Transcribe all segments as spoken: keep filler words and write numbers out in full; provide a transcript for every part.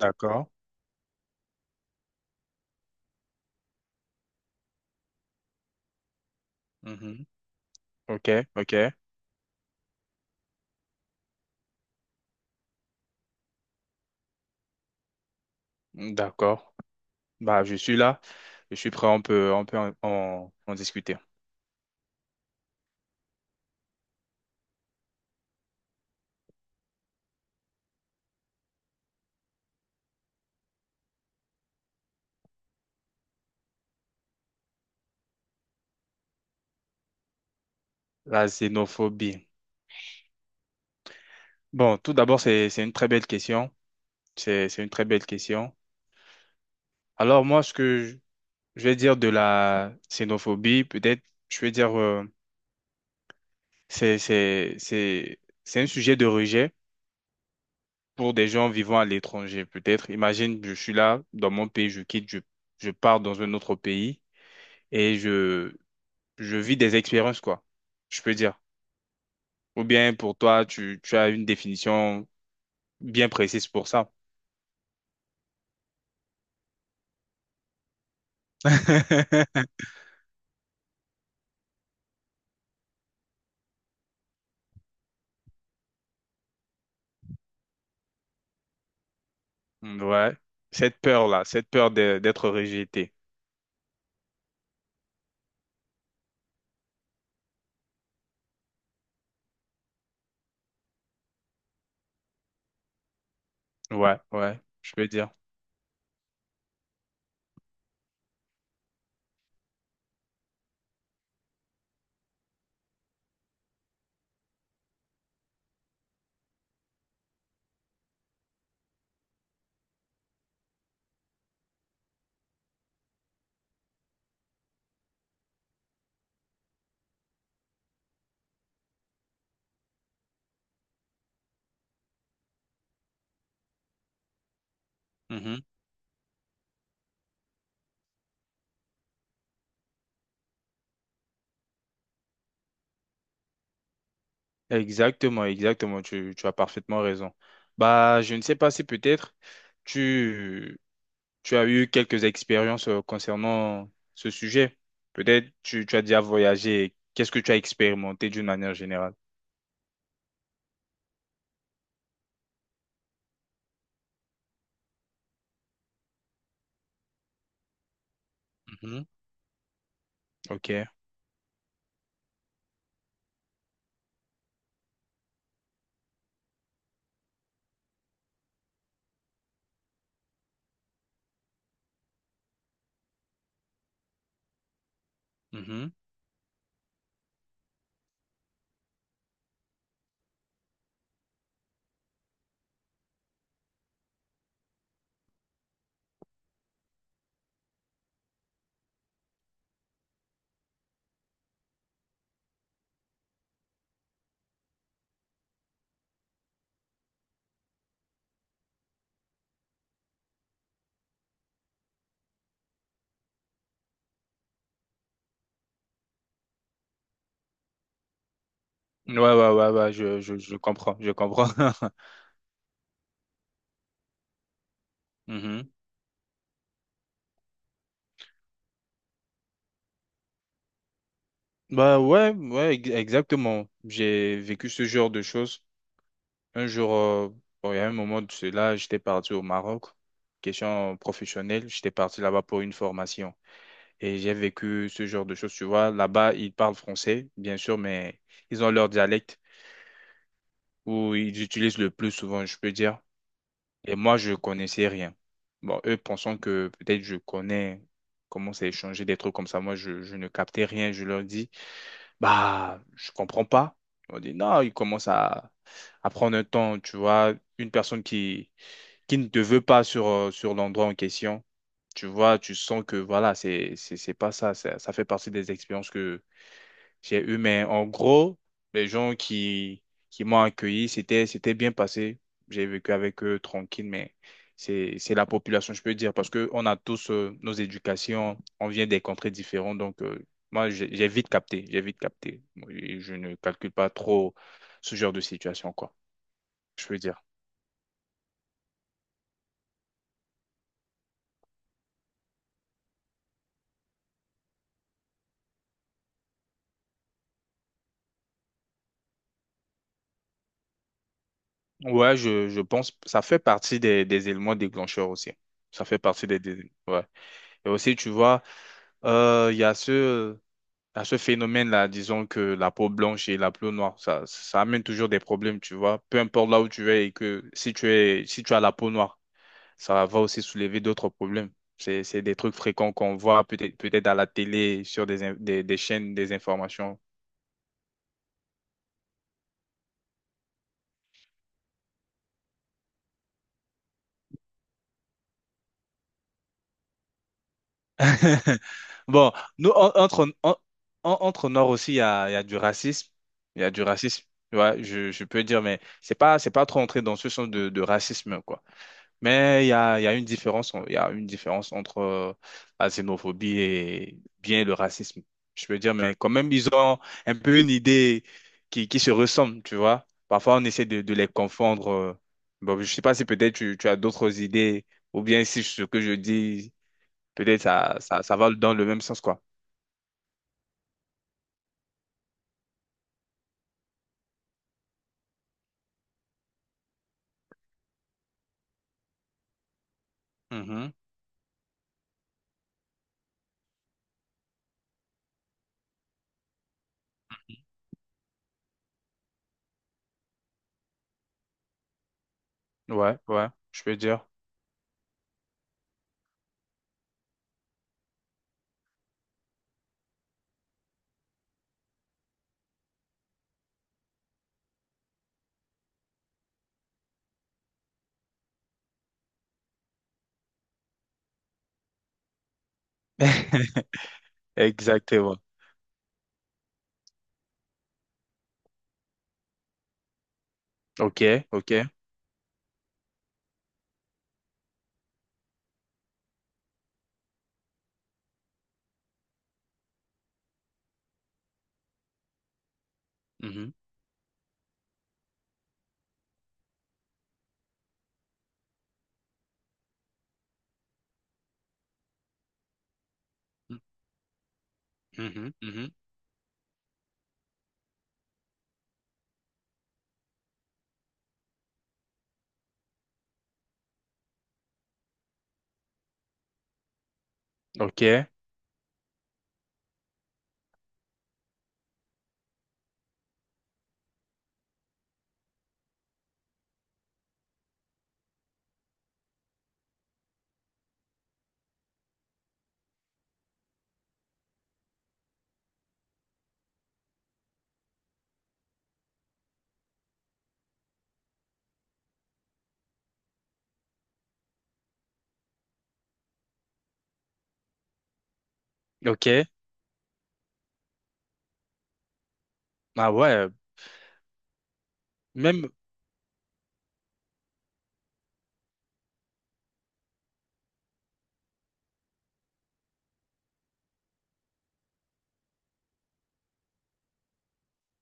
D'accord. Mhm. Ok, ok. D'accord. Bah, je suis là. Je suis prêt. On peut, on peut en, en- en discuter. La xénophobie. Bon, tout d'abord, c'est, c'est une très belle question. C'est, c'est une très belle question. Alors, moi, ce que je, je vais dire de la xénophobie, peut-être, je vais dire, euh, c'est, c'est, c'est, c'est un sujet de rejet pour des gens vivant à l'étranger, peut-être. Imagine, je suis là, dans mon pays, je quitte, je, je pars dans un autre pays et je, je vis des expériences, quoi, je peux dire. Ou bien pour toi, tu, tu as une définition bien précise pour ça. Ouais, cette peur-là, cette peur de- d'être rejeté. Ouais, ouais, je peux dire. Mhm. Exactement, exactement, tu, tu as parfaitement raison. Bah, je ne sais pas si peut-être tu, tu as eu quelques expériences euh, concernant ce sujet. Peut-être tu, tu as déjà voyagé. Qu'est-ce que tu as expérimenté d'une manière générale? Mhm. Ok. Mhm. Ouais, ouais, ouais, ouais, je, je, je comprends, je comprends. Mhm. Bah ouais, ouais, ex- exactement. J'ai vécu ce genre de choses. Un jour, euh, bon, il y a un moment de cela, j'étais parti au Maroc, question professionnelle, j'étais parti là-bas pour une formation. Et j'ai vécu ce genre de choses, tu vois. Là-bas, ils parlent français, bien sûr, mais ils ont leur dialecte où ils utilisent le plus souvent, je peux dire. Et moi, je connaissais rien. Bon, eux pensant que peut-être je connais comment c'est échanger des trucs comme ça. Moi, je, je ne captais rien. Je leur dis, bah, je comprends pas. On dit, non, ils commencent à, à prendre un temps, tu vois. Une personne qui, qui ne te veut pas sur, euh, sur l'endroit en question, tu vois, tu sens que voilà, c'est, c'est, c'est pas ça, ça. Ça fait partie des expériences que j'ai eu, mais en gros, les gens qui, qui m'ont accueilli, c'était, c'était bien passé. J'ai vécu avec eux tranquille, mais c'est, c'est la population, je peux dire, parce que on a tous euh, nos éducations, on vient des contrées différentes, donc euh, moi, j'ai j'ai vite capté, j'ai vite capté. Et je ne calcule pas trop ce genre de situation, quoi, je peux dire. Ouais, je, je pense, ça fait partie des, des éléments déclencheurs aussi. Ça fait partie des, des- ouais. Et aussi, tu vois, euh, il y a ce à ce phénomène-là, disons que la peau blanche et la peau noire, ça, ça amène toujours des problèmes, tu vois. Peu importe là où tu es et que si tu es, si tu as la peau noire, ça va aussi soulever d'autres problèmes. C'est, c'est des trucs fréquents qu'on voit peut-être peut-être à la télé, sur des, in- des, des chaînes, des informations. Bon, nous, en- entre, en- en- entre Noirs aussi, il y a, il y a du racisme. Il y a du racisme, tu vois, je, je peux dire, mais c'est pas, c'est pas trop entré dans ce sens de, de racisme, quoi. Mais il y a, il y a une différence, il y a une différence entre euh, la xénophobie et bien le racisme. Je veux dire, mais quand même, ils ont un peu une idée qui, qui se ressemble, tu vois. Parfois, on essaie de, de les confondre. euh. Bon, je sais pas si peut-être tu, tu as d'autres idées, ou bien si ce que je dis, peut-être ça, ça, ça va dans le même sens, quoi. Mhm. Ouais, ouais, je veux dire. Exactement. Ok, ok. Mhm. Mhm, mhm. Ok, ok. Ah ouais, même.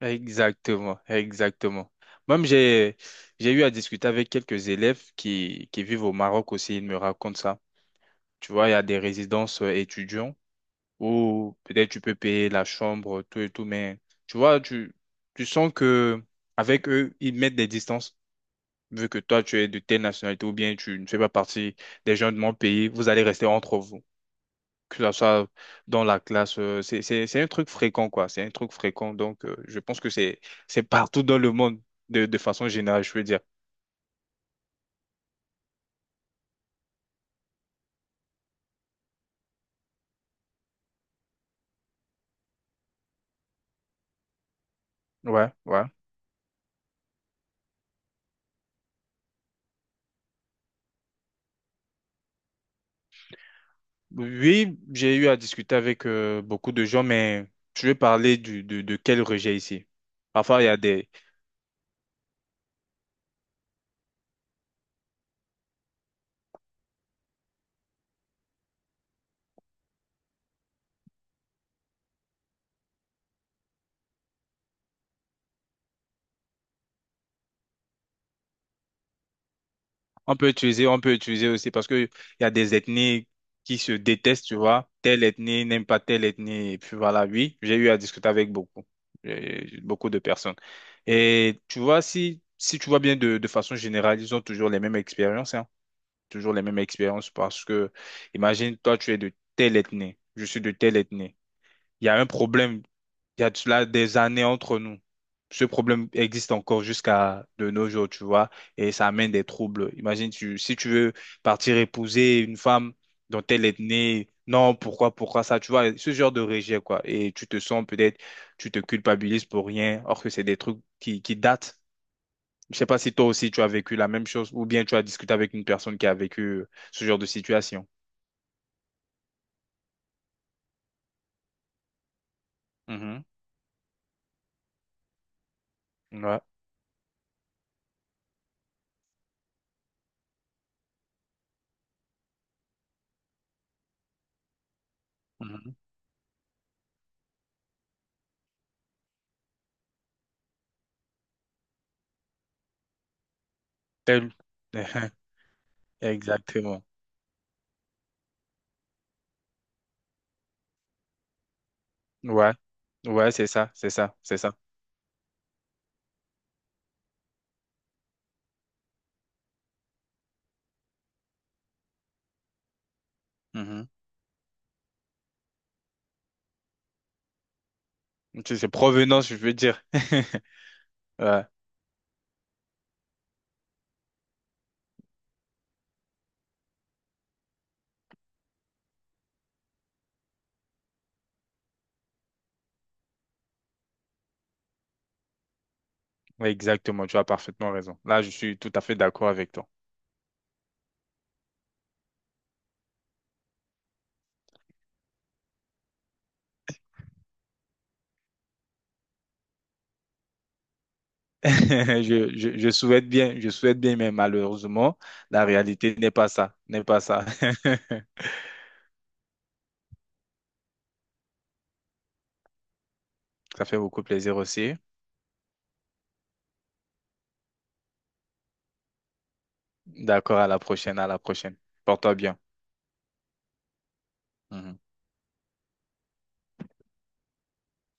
Exactement, exactement. Même j'ai j'ai eu à discuter avec quelques élèves qui, qui vivent au Maroc aussi, ils me racontent ça. Tu vois, il y a des résidences euh, étudiants où peut-être tu peux payer la chambre, tout et tout, mais tu vois, tu, tu sens que avec eux, ils mettent des distances. Vu que toi, tu es de telle nationalité ou bien tu ne fais pas partie des gens de mon pays, vous allez rester entre vous que ça soit dans la classe, euh, c'est, c'est, c'est un truc fréquent, quoi. C'est un truc fréquent. Donc, euh, je pense que c'est, c'est partout dans le monde, de, de façon générale, je veux dire. Ouais, ouais. Oui, j'ai eu à discuter avec euh, beaucoup de gens, mais je vais parler du, de, de quel rejet ici. Parfois, il y a des, on peut utiliser, on peut utiliser aussi parce que il y a des ethnies qui se détestent, tu vois. Telle ethnie n'aime pas telle ethnie. Et puis voilà, oui, j'ai eu à discuter avec beaucoup, euh, beaucoup de personnes. Et tu vois, si, si tu vois bien de, de façon générale, ils ont toujours les mêmes expériences, hein. Toujours les mêmes expériences parce que, imagine, toi, tu es de telle ethnie, je suis de telle ethnie. Il y a un problème il y a de cela des années entre nous. Ce problème existe encore jusqu'à de nos jours, tu vois, et ça amène des troubles. Imagine, tu, si tu veux partir épouser une femme dont elle est née, non, pourquoi, pourquoi ça, tu vois, ce genre de rejet, quoi. Et tu te sens peut-être, tu te culpabilises pour rien, or que c'est des trucs qui, qui datent. Je sais pas si toi aussi tu as vécu la même chose, ou bien tu as discuté avec une personne qui a vécu euh, ce genre de situation. Mhm. Ouais. Mhm. Tel- Exactement. Ouais, ouais, c'est ça, c'est ça, c'est ça. Mhm. C'est c'est provenance, je veux dire. Ouais. Oui, exactement, tu as parfaitement raison. Là, je suis tout à fait d'accord avec toi. Je, je, je souhaite bien, je souhaite bien, mais malheureusement, la réalité n'est pas ça, n'est pas ça. Ça fait beaucoup plaisir aussi. D'accord, à la prochaine, à la prochaine. Porte-toi bien. Mhm.